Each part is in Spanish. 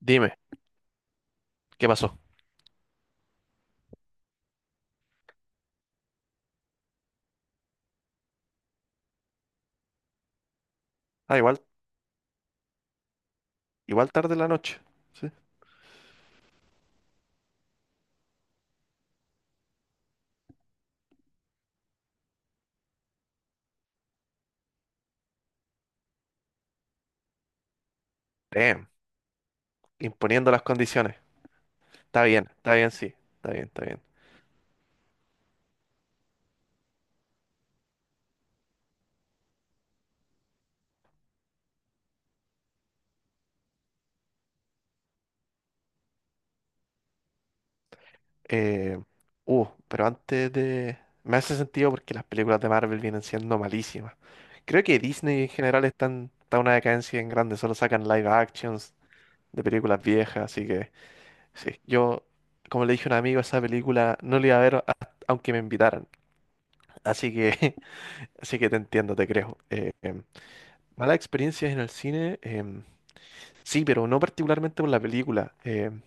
Dime, ¿qué pasó? Ah, igual, igual tarde en la noche. Sí. Damn, imponiendo las condiciones. Está bien, sí. Está bien, está bien. Eh, pero antes de... Me hace sentido porque las películas de Marvel vienen siendo malísimas. Creo que Disney en general está en una decadencia en grande. Solo sacan live actions de películas viejas. Así que, sí. Yo, como le dije a un amigo, esa película no la iba a ver a- aunque me invitaran. Así que, así que te entiendo, te creo. Malas experiencias en el cine, sí, pero no particularmente por la película,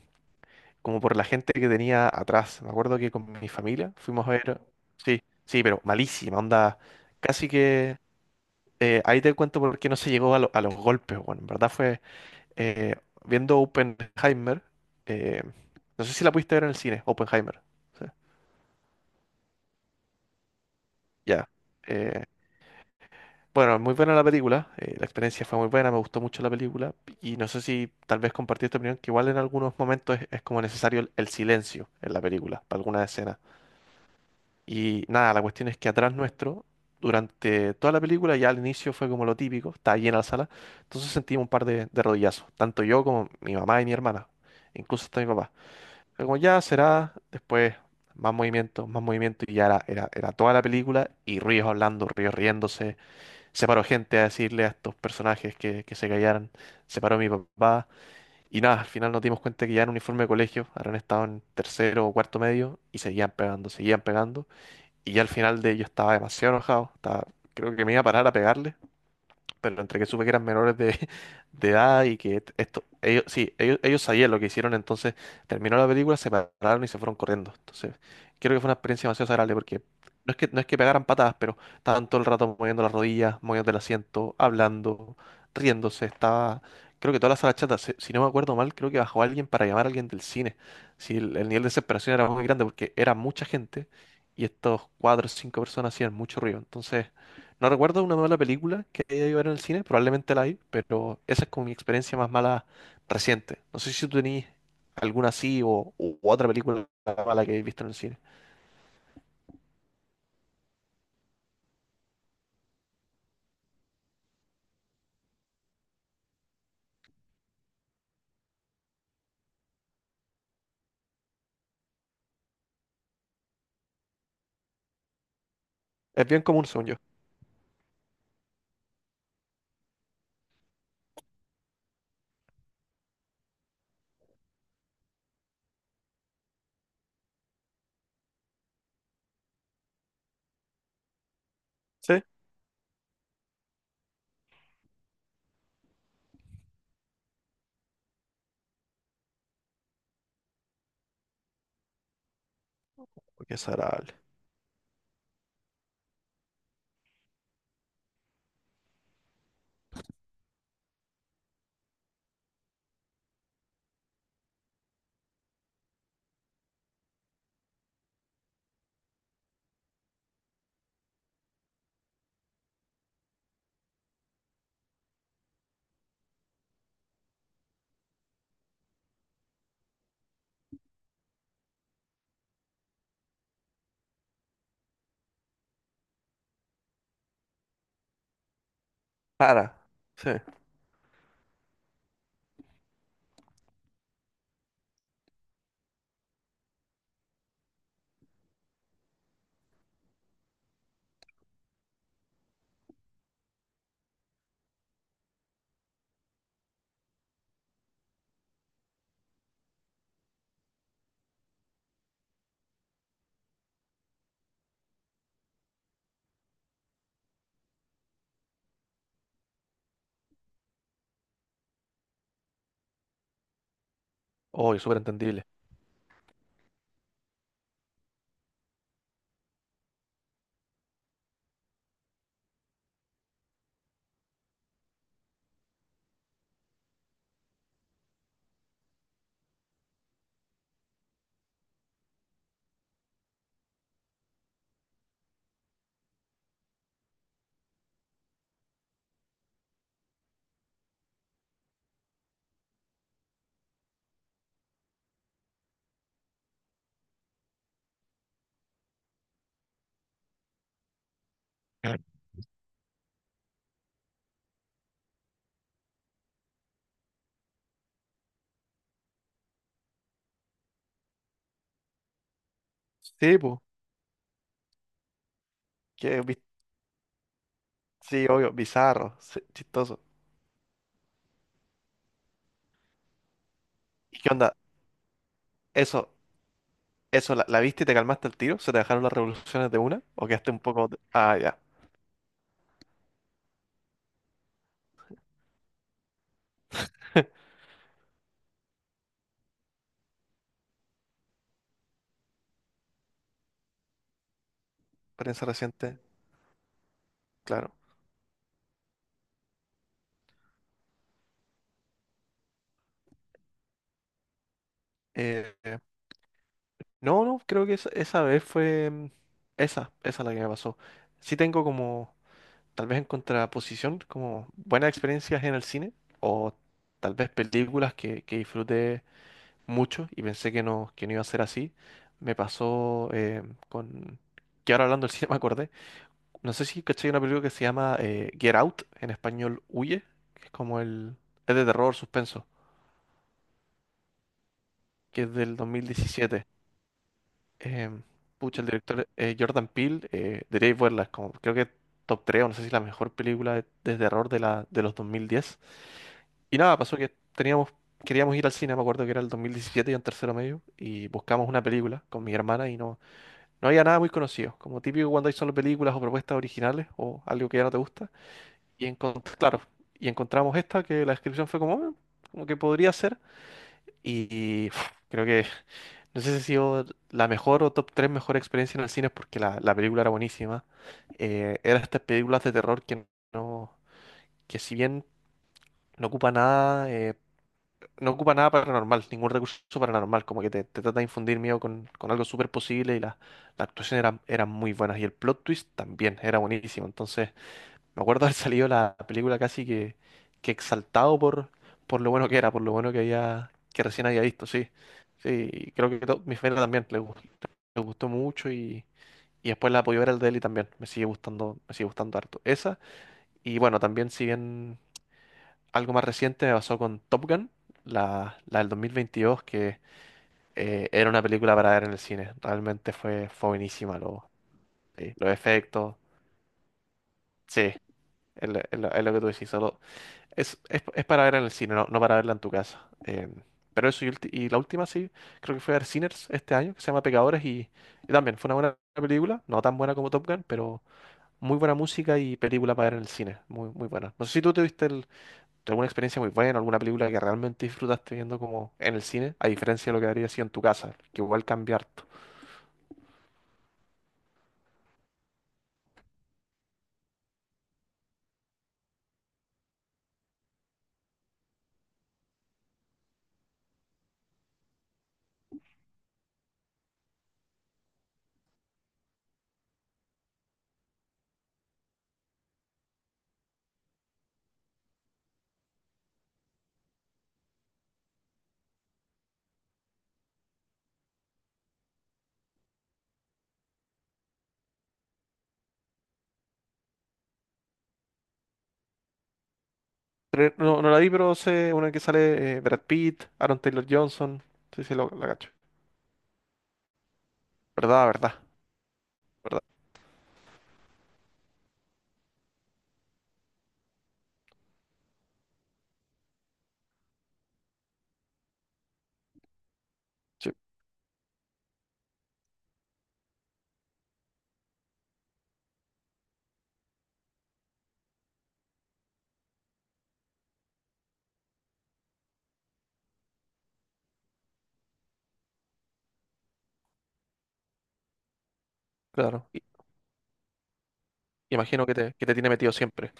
como por la gente que tenía atrás. Me acuerdo que con mi familia fuimos a ver, sí, sí, pero malísima, onda, casi que ahí te cuento por qué no se llegó a los golpes, bueno, en verdad fue eh, viendo Oppenheimer, eh, no sé si la pudiste ver en el cine, Oppenheimer, sí, ya. eh, Bueno, muy buena la película, la experiencia fue muy buena, me gustó mucho la película y no sé si tal vez compartí esta opinión, que igual en algunos momentos es como necesario el silencio en la película, para algunas escenas. Y nada, la cuestión es que atrás nuestro, durante toda la película, ya al inicio fue como lo típico, estaba llena la sala, entonces sentimos de rodillazos, tanto yo como mi mamá y mi hermana, incluso hasta mi papá. Pero como ya será, después más movimiento y ya era toda la película y ríos hablando, ríos riéndose, se paró gente a decirle a estos personajes que se callaran, se paró mi papá y nada, al final nos dimos cuenta que ya en uniforme de colegio habrán estado en tercero o cuarto medio y seguían pegando y ya al final de ello estaba demasiado enojado, estaba- creo que me iba a parar a pegarle pero entre que supe que eran menores de edad y que esto, ellos, sí, ellos sabían lo que hicieron, entonces terminó la película, se pararon y se fueron corriendo. Entonces, creo que fue una experiencia demasiado agradable porque no es que pegaran patadas, pero estaban todo el rato moviendo las rodillas, moviendo el asiento, hablando, riéndose, estaba... Creo que toda la sala chata, si no me acuerdo mal, creo que bajó alguien para llamar a alguien del cine. Si el nivel de desesperación era muy grande porque era mucha gente y estos cuatro o cinco personas hacían mucho ruido. Entonces, no recuerdo una mala película que haya ido a ver en el cine, probablemente la hay, pero esa es como mi experiencia más mala reciente. No sé si tú tenías alguna así o u otra película mala que hayas visto en el cine. Es bien común, según yo. Sí. Porque es agradable. Para. Sí. Obvio, súper entendible. Mm. Sí, pues. Que, vi- sí, obvio, bizarro, sí, chistoso. ¿Y qué onda? ¿Eso, eso la viste y te calmaste el tiro? ¿Se te dejaron las revoluciones de una? ¿O quedaste un poco... de- Ah, ya. Experiencia reciente, claro. Eh, No, no, creo que esa, esa, esa la que me pasó. Sí tengo como, tal vez en contraposición, como buenas experiencias en el cine, o tal vez películas que disfruté mucho y pensé que no iba a ser así. Me pasó con, que ahora hablando del cine me acordé, no sé si caché una película que se llama Get Out, en español Huye, que es como el, es de terror, suspenso, que es del dos mil diecisiete. em, Pucha, el director Jordan Peele, debería verla, es como creo que top 3, o no sé si la mejor película de terror de los 2010. Y nada, pasó que teníamos, queríamos ir al cine, me acuerdo que era el 2017 y en tercero medio, y buscamos una película con mi hermana y no, no había nada muy conocido, como típico cuando hay solo películas o propuestas originales o algo que ya no te gusta. Claro, y encontramos esta que la descripción fue como, "Ah, como que podría ser." Y pf, creo que, no sé si ha sido la mejor o top 3 mejor experiencia en el cine porque la película era buenísima. Eran estas películas de terror que no, que si bien no ocupa nada, eh, no ocupa nada paranormal, ningún recurso paranormal, como que te trata de infundir miedo con algo súper posible y la actuación era muy buena y el plot twist también era buenísimo. Entonces, me acuerdo haber salido la película que exaltado por lo bueno que era, por lo bueno que había, que recién había visto, sí. Sí, y creo que mi familia también le gustó mucho y después la apoyó ver al Deli también. Me sigue gustando harto. Esa. Y bueno, también si bien algo más reciente me pasó con Top Gun, la del 2022, que era una película para ver en el cine. Realmente fue, fue buenísima. Lo, sí, los efectos. Sí, es lo que tú decís. Es para verla en el cine, no, no para verla en tu casa. Pero eso, y la última sí, creo que fue a ver Sinners este año, que se llama Pecadores, y también fue una buena película, no tan buena como Top Gun, pero muy buena música y película para ver en el cine, muy, muy buena. No sé si tú tuviste alguna experiencia muy buena, alguna película que realmente disfrutaste viendo como en el cine, a diferencia de lo que habría sido en tu casa, que igual cambia harto. Pero no, no la vi, pero sé una que sale Brad Pitt, Aaron Taylor Johnson, sí, sí, la cacho. ¿Verdad, verdad, verdad? Sí, claro. Imagino que te tiene metido siempre.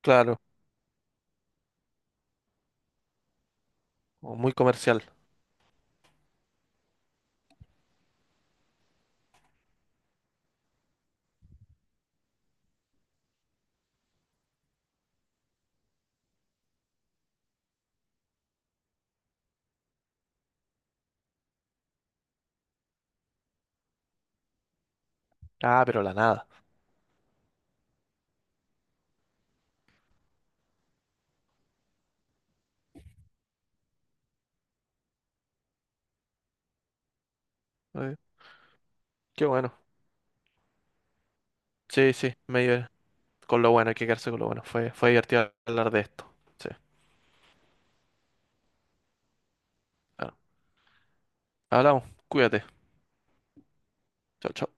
Claro, o muy comercial. Ah, pero la nada. Eh, qué bueno. Sí, sí, con lo bueno, hay que quedarse con lo bueno. Fue, fue divertido hablar de esto. Sí. Ah, hablamos, cuídate. Chao, chao.